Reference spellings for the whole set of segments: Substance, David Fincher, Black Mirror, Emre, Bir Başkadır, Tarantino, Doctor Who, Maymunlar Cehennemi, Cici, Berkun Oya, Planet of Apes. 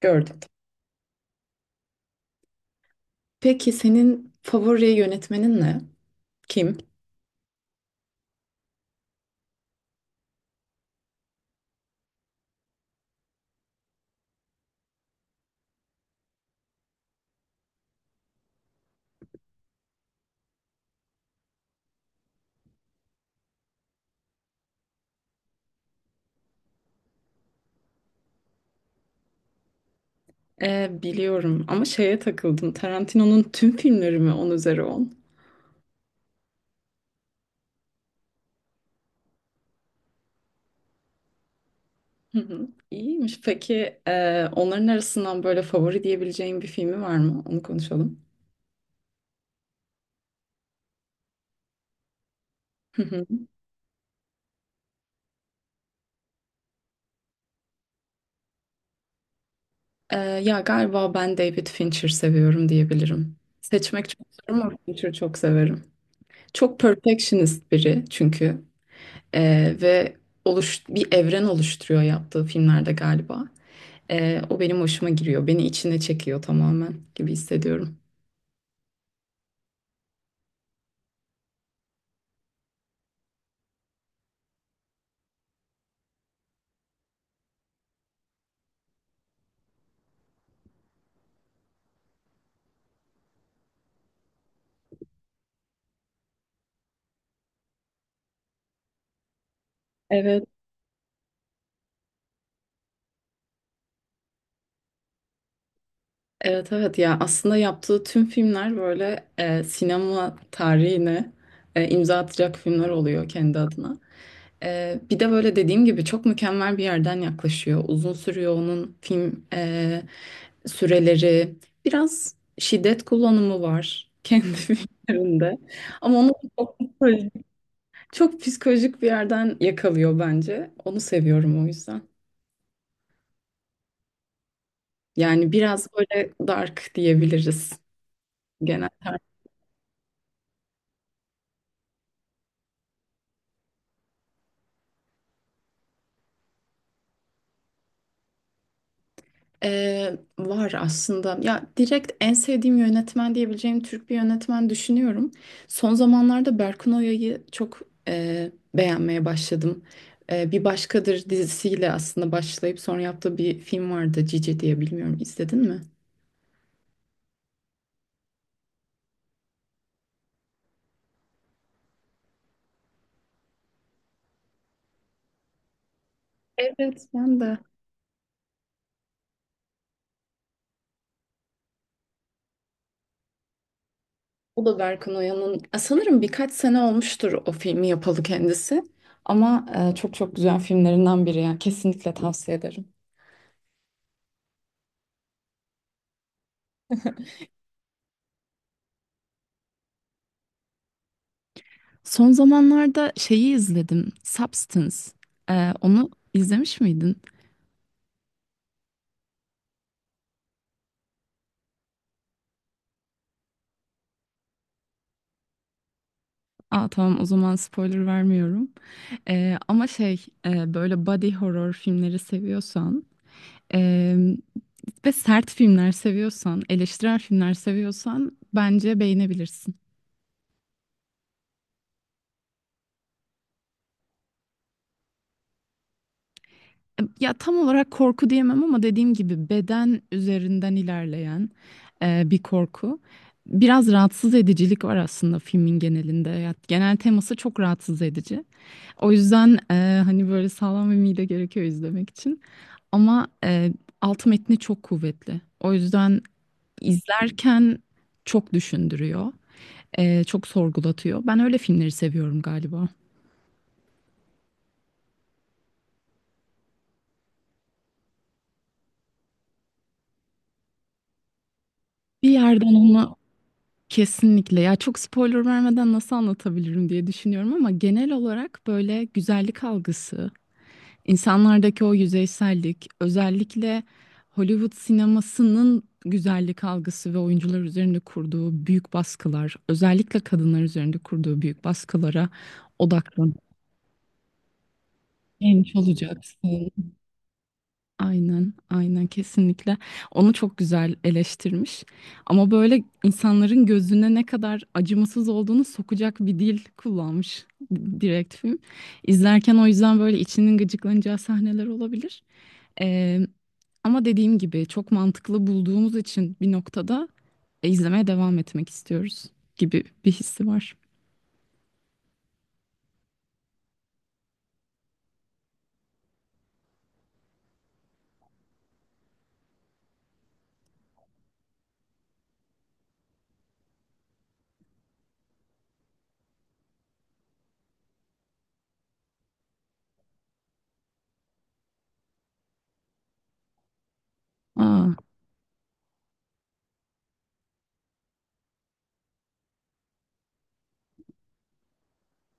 Gördüm. Peki senin favori yönetmenin ne? Kim? Biliyorum ama şeye takıldım. Tarantino'nun tüm filmleri mi 10 üzeri 10. Hı hı. İyiymiş. Peki onların arasından böyle favori diyebileceğin bir filmi var mı? Onu konuşalım. Hı hı. Ya galiba ben David Fincher seviyorum diyebilirim. Seçmek çok zor ama Fincher'ı çok severim. Çok perfectionist biri çünkü ve bir evren oluşturuyor yaptığı filmlerde galiba. O benim hoşuma giriyor. Beni içine çekiyor tamamen gibi hissediyorum. Evet, evet, evet. Ya aslında yaptığı tüm filmler böyle sinema tarihine imza atacak filmler oluyor kendi adına. Bir de böyle dediğim gibi çok mükemmel bir yerden yaklaşıyor. Uzun sürüyor onun film süreleri. Biraz şiddet kullanımı var kendi filmlerinde. Ama onu çok, çok psikolojik bir yerden yakalıyor bence. Onu seviyorum o yüzden. Yani biraz böyle dark diyebiliriz genel tarz. Var aslında. Ya direkt en sevdiğim yönetmen diyebileceğim Türk bir yönetmen düşünüyorum. Son zamanlarda Berkun Oya'yı çok beğenmeye başladım. Bir Başkadır dizisiyle aslında başlayıp sonra yaptığı bir film vardı Cici diye bilmiyorum izledin mi? Evet ben de. O da Berkun Oya'nın sanırım birkaç sene olmuştur o filmi yapalı kendisi. Ama çok çok güzel filmlerinden biri yani kesinlikle tavsiye ederim. Son zamanlarda şeyi izledim. Substance. Onu izlemiş miydin? Aa tamam, o zaman spoiler vermiyorum. Ama şey böyle body horror filmleri seviyorsan e, ve sert filmler seviyorsan, eleştirel filmler seviyorsan bence beğenebilirsin. Ya tam olarak korku diyemem ama dediğim gibi beden üzerinden ilerleyen bir korku. Biraz rahatsız edicilik var aslında filmin genelinde. Ya, genel teması çok rahatsız edici. O yüzden hani böyle sağlam bir mide gerekiyor izlemek için. Ama alt metni çok kuvvetli. O yüzden izlerken çok düşündürüyor, çok sorgulatıyor. Ben öyle filmleri seviyorum galiba. Bir yerden onu kesinlikle ya, çok spoiler vermeden nasıl anlatabilirim diye düşünüyorum ama genel olarak böyle güzellik algısı, İnsanlardaki o yüzeysellik, özellikle Hollywood sinemasının güzellik algısı ve oyuncular üzerinde kurduğu büyük baskılar, özellikle kadınlar üzerinde kurduğu büyük baskılara odaklan. Genç olacaksın. Aynen, aynen, kesinlikle. Onu çok güzel eleştirmiş. Ama böyle insanların gözüne ne kadar acımasız olduğunu sokacak bir dil kullanmış direkt film. İzlerken o yüzden böyle içinin gıcıklanacağı sahneler olabilir. Ee, Ama dediğim gibi çok mantıklı bulduğumuz için bir noktada izlemeye devam etmek istiyoruz gibi bir hissi var. Aa.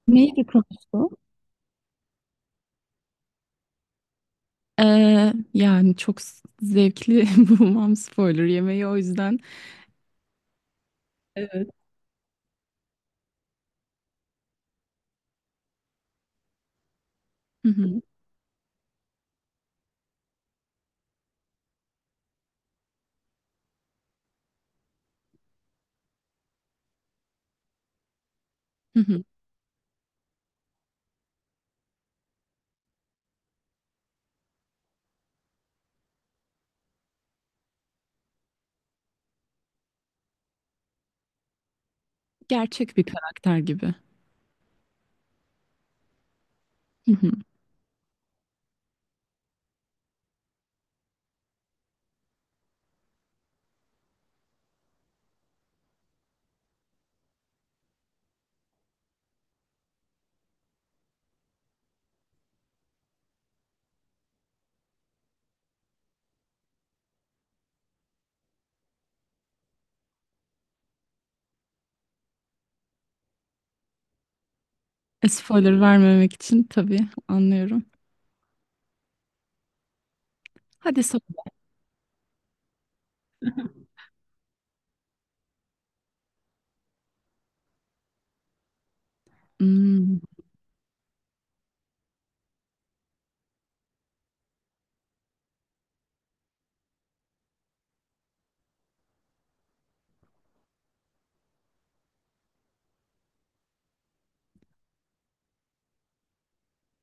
Neydi konusu? Yani çok zevkli bulmam spoiler yemeği o yüzden. Evet. Hı hı, hı hı. Gerçek bir karakter gibi. Hı hı. Spoiler vermemek için tabii anlıyorum. Hadi söyle. Hmm,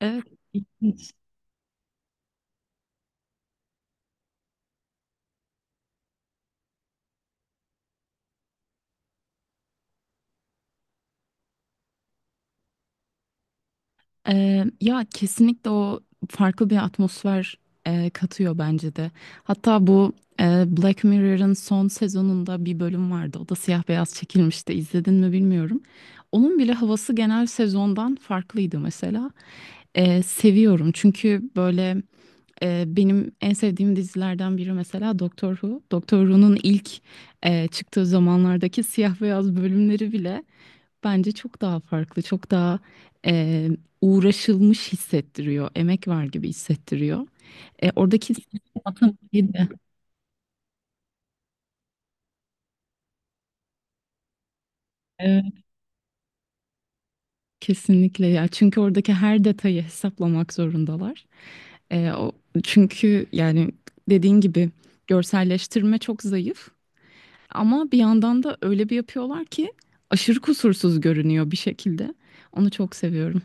evet. Ya kesinlikle o farklı bir atmosfer katıyor bence de. Hatta bu Black Mirror'ın son sezonunda bir bölüm vardı. O da siyah beyaz çekilmişti. İzledin mi bilmiyorum. Onun bile havası genel sezondan farklıydı mesela. Seviyorum çünkü böyle benim en sevdiğim dizilerden biri mesela Doctor Who. Doctor Who'nun ilk çıktığı zamanlardaki siyah beyaz bölümleri bile. Bence çok daha farklı, çok daha e, uğraşılmış hissettiriyor, emek var gibi hissettiriyor. Oradaki matematiği de evet, kesinlikle ya, çünkü oradaki her detayı hesaplamak zorundalar. E, o, Çünkü yani dediğin gibi görselleştirme çok zayıf ama bir yandan da öyle bir yapıyorlar ki aşırı kusursuz görünüyor bir şekilde. Onu çok seviyorum.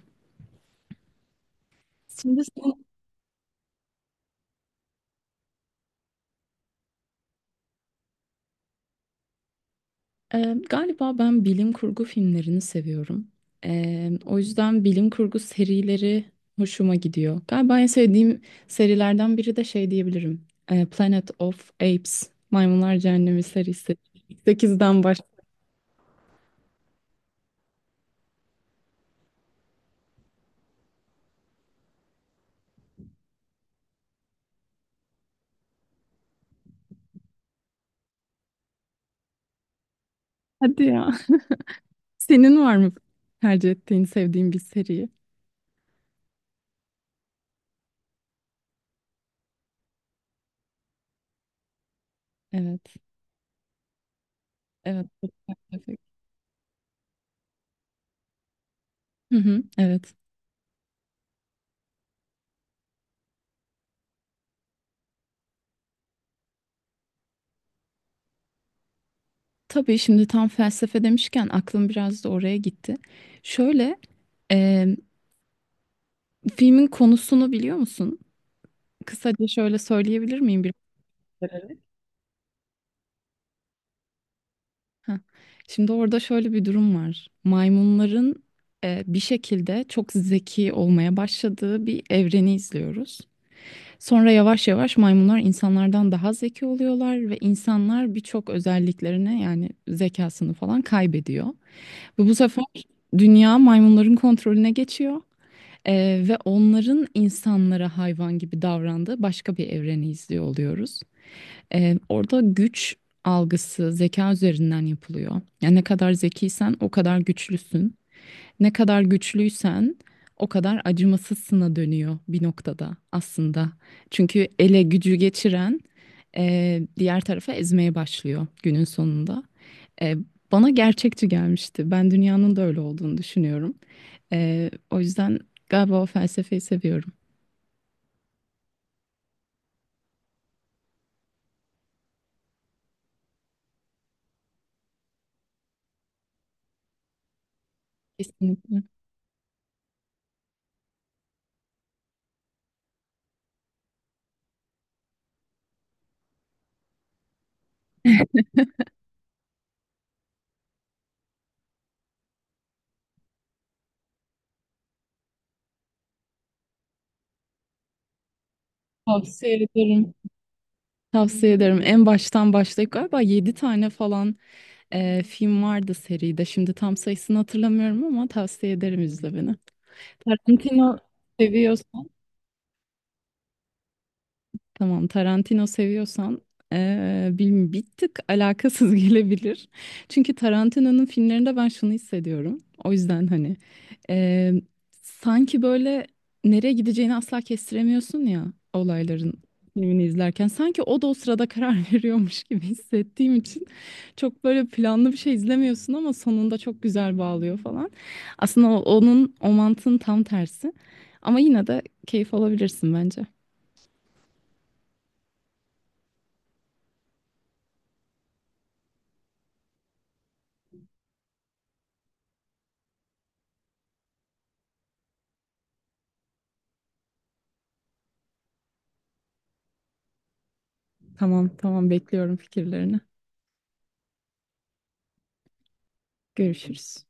Şimdi sen- Galiba ben bilim kurgu filmlerini seviyorum. O yüzden bilim kurgu serileri hoşuma gidiyor. Galiba en sevdiğim serilerden biri de şey diyebilirim. Planet of Apes, Maymunlar Cehennemi serisi. 8'den baş. Hadi ya. Senin var mı tercih ettiğin, sevdiğin bir seri? Evet. Evet, çok felsefik. Hı hı, evet. Tabii şimdi tam felsefe demişken aklım biraz da oraya gitti. Şöyle, eee, filmin konusunu biliyor musun? Kısaca şöyle söyleyebilir miyim bir şeyleri? Heh. Şimdi orada şöyle bir durum var. Maymunların bir şekilde çok zeki olmaya başladığı bir evreni izliyoruz. Sonra yavaş yavaş maymunlar insanlardan daha zeki oluyorlar ve insanlar birçok özelliklerini yani zekasını falan kaybediyor. Ve bu sefer dünya maymunların kontrolüne geçiyor e, ve onların insanlara hayvan gibi davrandığı başka bir evreni izliyor oluyoruz. Orada güç algısı zeka üzerinden yapılıyor. Yani ne kadar zekiysen o kadar güçlüsün. Ne kadar güçlüysen o kadar acımasızsına dönüyor bir noktada aslında. Çünkü ele gücü geçiren diğer tarafa ezmeye başlıyor günün sonunda. E, Bana gerçekçi gelmişti. Ben dünyanın da öyle olduğunu düşünüyorum. O yüzden galiba o felsefeyi seviyorum. Kesinlikle. Tavsiye ederim. Tavsiye ederim. En baştan başlayıp galiba 7 tane falan film vardı seride. Şimdi tam sayısını hatırlamıyorum ama tavsiye ederim izlemeni. Tarantino seviyorsan, tamam, Tarantino seviyorsan bilmiyorum bir tık alakasız gelebilir. Çünkü Tarantino'nun filmlerinde ben şunu hissediyorum. O yüzden hani e, sanki böyle nereye gideceğini asla kestiremiyorsun ya olayların filmini izlerken. Sanki o da o sırada karar veriyormuş gibi hissettiğim için. Çok böyle planlı bir şey izlemiyorsun ama sonunda çok güzel bağlıyor falan. Aslında onun o mantığın tam tersi ama yine de keyif alabilirsin bence. Tamam tamam bekliyorum fikirlerini. Görüşürüz.